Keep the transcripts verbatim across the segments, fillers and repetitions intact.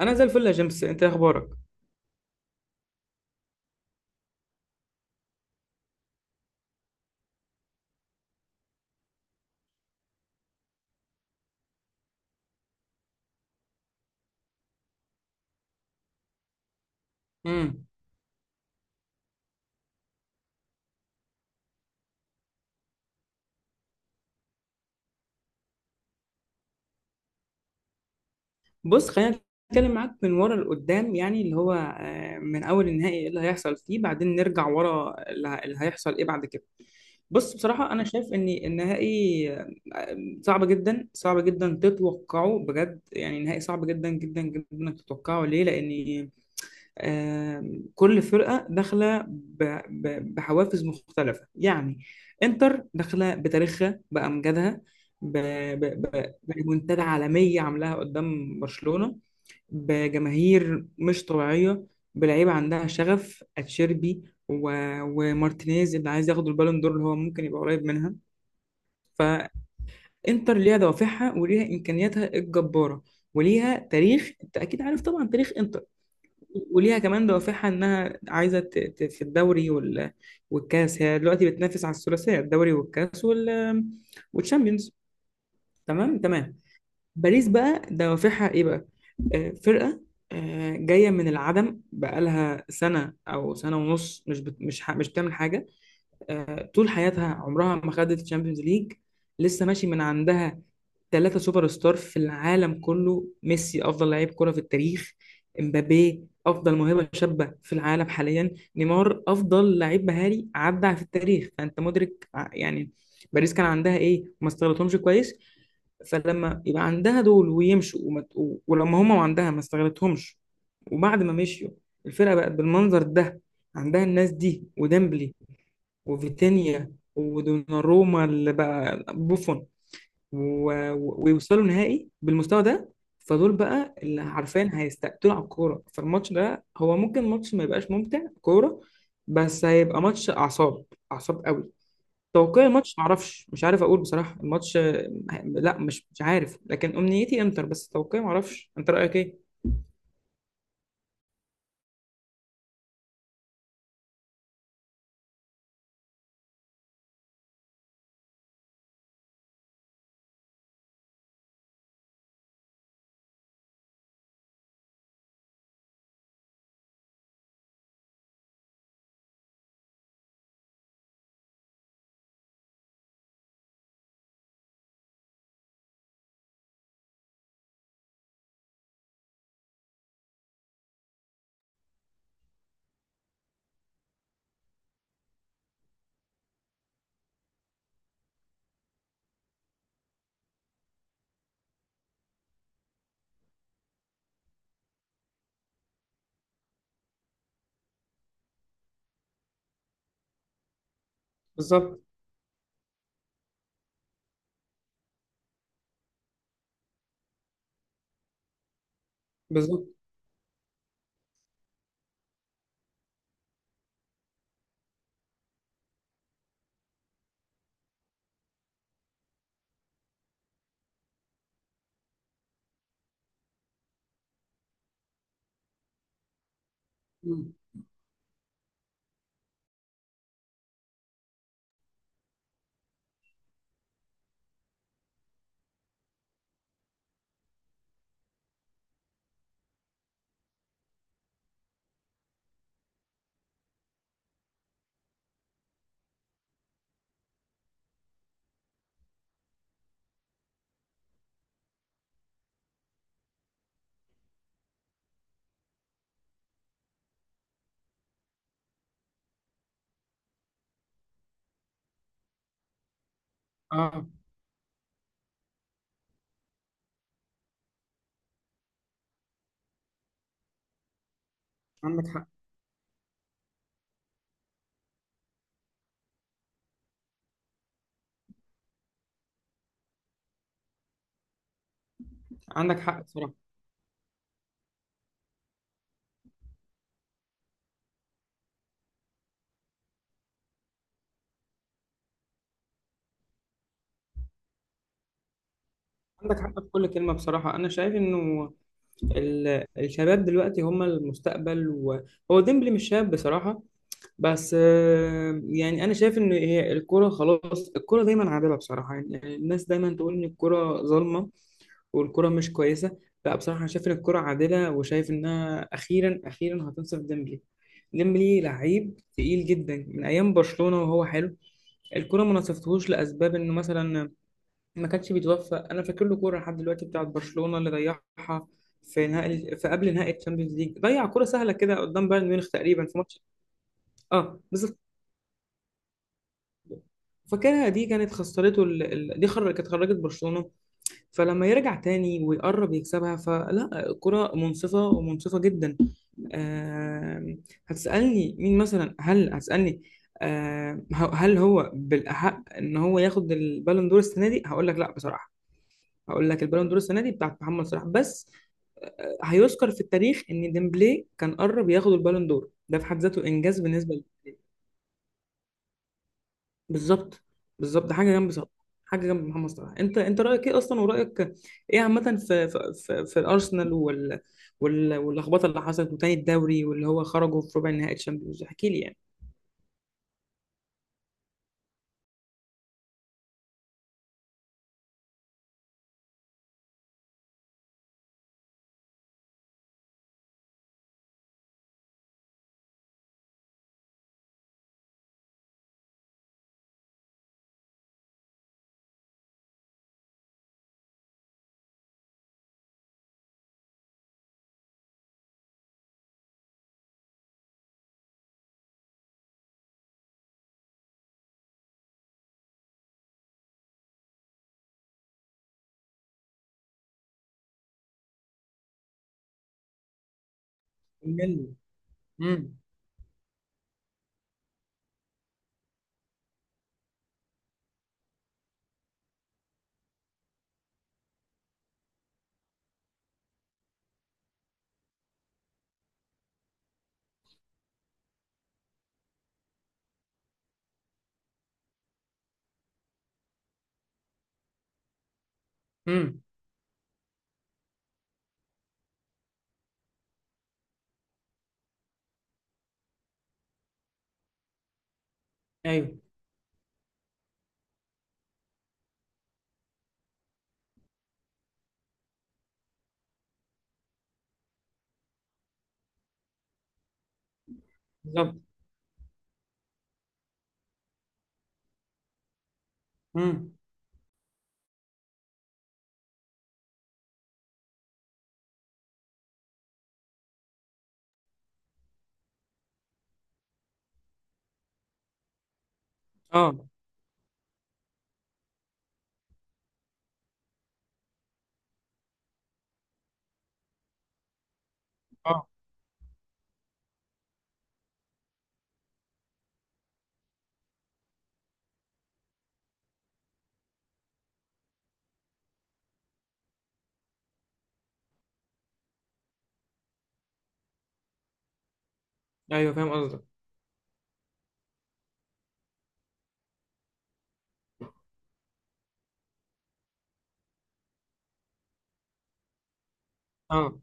انا زي الفل يا جيمس، انت إيه اخبارك؟ امم. بص، خلينا نتكلم معاك من ورا لقدام، يعني اللي هو آه، من اول النهائي ايه اللي هيحصل فيه، بعدين نرجع ورا اللي ه- اللي هيحصل ايه بعد كده. بص، بصراحة أنا شايف إن النهائي آه، صعب جدا، صعب جدا تتوقعه، بجد يعني نهائي صعب جدا جدا جدا إنك تتوقعه. ليه؟ لأن آم، كل فرقة داخلة ب- ب- بحوافز مختلفة يعني. انتر داخلة بتاريخها، بأمجادها، ب- ب- ب- بريمونتادا عالمية عاملاها قدام برشلونة، بجماهير مش طبيعية، بلعيبة عندها شغف، اتشيربي و... ومارتينيز اللي عايز ياخد البالون دور، اللي هو ممكن يبقى قريب منها. فانتر ليها دوافعها، وليها امكانياتها الجبارة، وليها تاريخ، انت اكيد عارف طبعا تاريخ انتر، وليها كمان دوافعها انها عايزه ت- ت- في الدوري وال... والكاس، هي دلوقتي بتنافس على الثلاثيه، الدوري والكاس وال... والشامبيونز. تمام تمام. باريس بقى دوافعها ايه بقى؟ آه فرقه آه جايه من العدم، بقالها سنه او سنه ونص مش بت... مش ح... مش بتعمل حاجه. آه طول حياتها عمرها ما خدت الشامبيونز ليج، لسه ماشي من عندها ثلاثة سوبر ستار في العالم كله. ميسي أفضل لعيب كرة في التاريخ، امبابي أفضل موهبة شابة في العالم حاليا، نيمار أفضل لعيب مهاري عدى في التاريخ، فأنت مدرك ع- يعني باريس كان عندها إيه ما استغلتهمش كويس. فلما يبقى عندها دول ويمشوا وما ت- و- ولما هما وعندها ما استغلتهمش، وبعد ما مشيوا الفرقة بقت بالمنظر ده. عندها الناس دي وديمبلي وفيتينيا ودوناروما اللي بقى بوفون و- ويوصلوا نهائي بالمستوى ده. فدول بقى اللي عارفين هيستقتلوا على الكورة، فالماتش ده هو ممكن ماتش ما يبقاش ممتع كورة، بس هيبقى ماتش أعصاب، أعصاب قوي. توقع الماتش معرفش، مش عارف أقول بصراحة الماتش آه، لا مش مش عارف، لكن أمنيتي إنتر، بس توقعي معرفش، أنت رأيك إيه؟ بالظبط. بالظبط. مم. اه. عندك حق. عندك حق بصراحة. عندك حق في كل كلمة. بصراحة أنا شايف إنه ال- الشباب دلوقتي هم المستقبل، وهو ديمبلي مش شاب بصراحة، بس آه، يعني أنا شايف إن هي الكرة خلاص، الكرة دايما عادلة بصراحة، يعني الناس دايما تقول إن الكرة ظالمة والكرة مش كويسة، لا بصراحة أنا شايف إن الكرة عادلة، وشايف إنها أخيرا أخيرا هتنصف ديمبلي. ديمبلي لعيب تقيل جدا من أيام برشلونة وهو حلو. الكرة ما نصفتهوش لأسباب إنه مثلا ما كانش بيتوفق، انا فاكر له كوره لحد دلوقتي بتاعت برشلونه اللي ضيعها في نهائي، في قبل نهائي الشامبيونز ليج، ضيع كوره سهله كده قدام بايرن ميونخ تقريبا في ماتش. اه بالظبط. فاكرها، دي كانت خسرته ال... ال... دي خر... كانت خرجت برشلونه. فلما يرجع تاني ويقرب يكسبها، فلا كرة منصفه ومنصفه جدا. آه... هتسالني مين مثلا، هل هتسالني آه... هل هو بالاحق ان هو ياخد البالون دور السنه دي؟ هقول لك لا بصراحه، هقول لك البالون دور السنه دي بتاعت محمد صلاح بس. آه، هيذكر في التاريخ ان ديمبلي كان قرب ياخد البالون دور، ده في حد ذاته انجاز بالنسبه لي. بالظبط. بالظبط، ده حاجه جنب صلاح، حاجه جنب محمد صلاح. انت انت رايك ايه اصلا؟ ورايك ايه عامه في في في, في الارسنال وال وال واللخبطه اللي حصلت، وتاني الدوري، واللي هو خرجوا في ربع نهائي الشامبيونز، احكي لي يعني. ملي. امم. امم. ايوه. بالظبط. امم. اه. اه. ايوه فاهم قصدك. اه.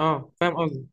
اه فاهم قصدك.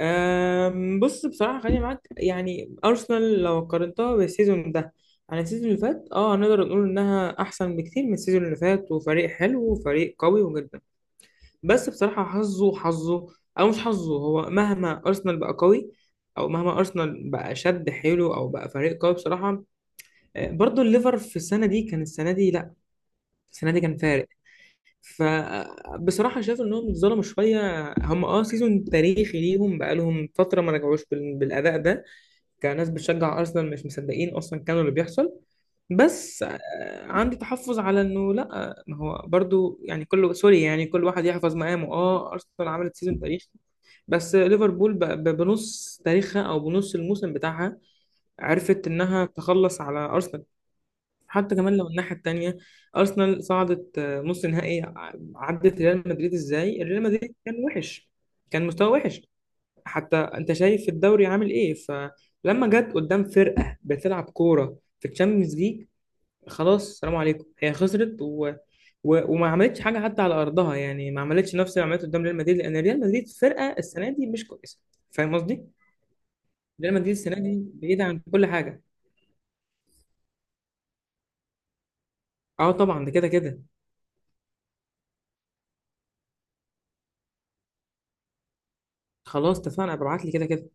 أم، بص، بصراحة خليني معاك، يعني أرسنال لو قارنتها بالسيزون ده عن السيزون اللي فات، اه هنقدر نقول إنها أحسن بكتير من السيزون اللي فات، وفريق حلو وفريق قوي جدا، بس بصراحة حظه حظه، أو مش حظه، هو مهما أرسنال بقى قوي، أو مهما أرسنال بقى شد حيله أو بقى فريق قوي بصراحة، آه، برضه الليفر في السنة دي كان، السنة دي لأ، السنة دي كان فارق. فبصراحة شايف إنهم اتظلموا شوية، هم اه سيزون تاريخي ليهم، بقالهم فترة ما رجعوش بال- بالأداء ده، كناس بتشجع ارسنال مش مصدقين اصلا كانوا اللي بيحصل. بس آه، عندي تحفظ على انه لا، ما هو برضو يعني كله سوري، يعني كل واحد يحفظ مقامه، اه ارسنال عملت سيزون تاريخي، بس ليفربول ب- ب- بنص تاريخها او بنص الموسم بتاعها عرفت انها تخلص على ارسنال. حتى كمان لو الناحيه التانيه، ارسنال صعدت آه، نص نهائي ع- عدت ريال مدريد، ازاي ريال مدريد كان وحش، كان مستوى وحش. حتى انت شايف الدوري عامل ايه، فلما جت قدام فرقه بتلعب كوره في الشامبيونز ليج، خلاص سلام عليكم، هي خسرت و... و... وما عملتش حاجه حتى على ارضها، يعني ما عملتش نفس اللي عملته قدام ريال مدريد، لان ريال مدريد فرقه السنه دي مش كويسه. فاهم قصدي؟ ريال مدريد السنه دي بعيده عن كل حاجه. اه طبعا ده كده كده. خلاص اتفقنا، ببعت لي كده كده.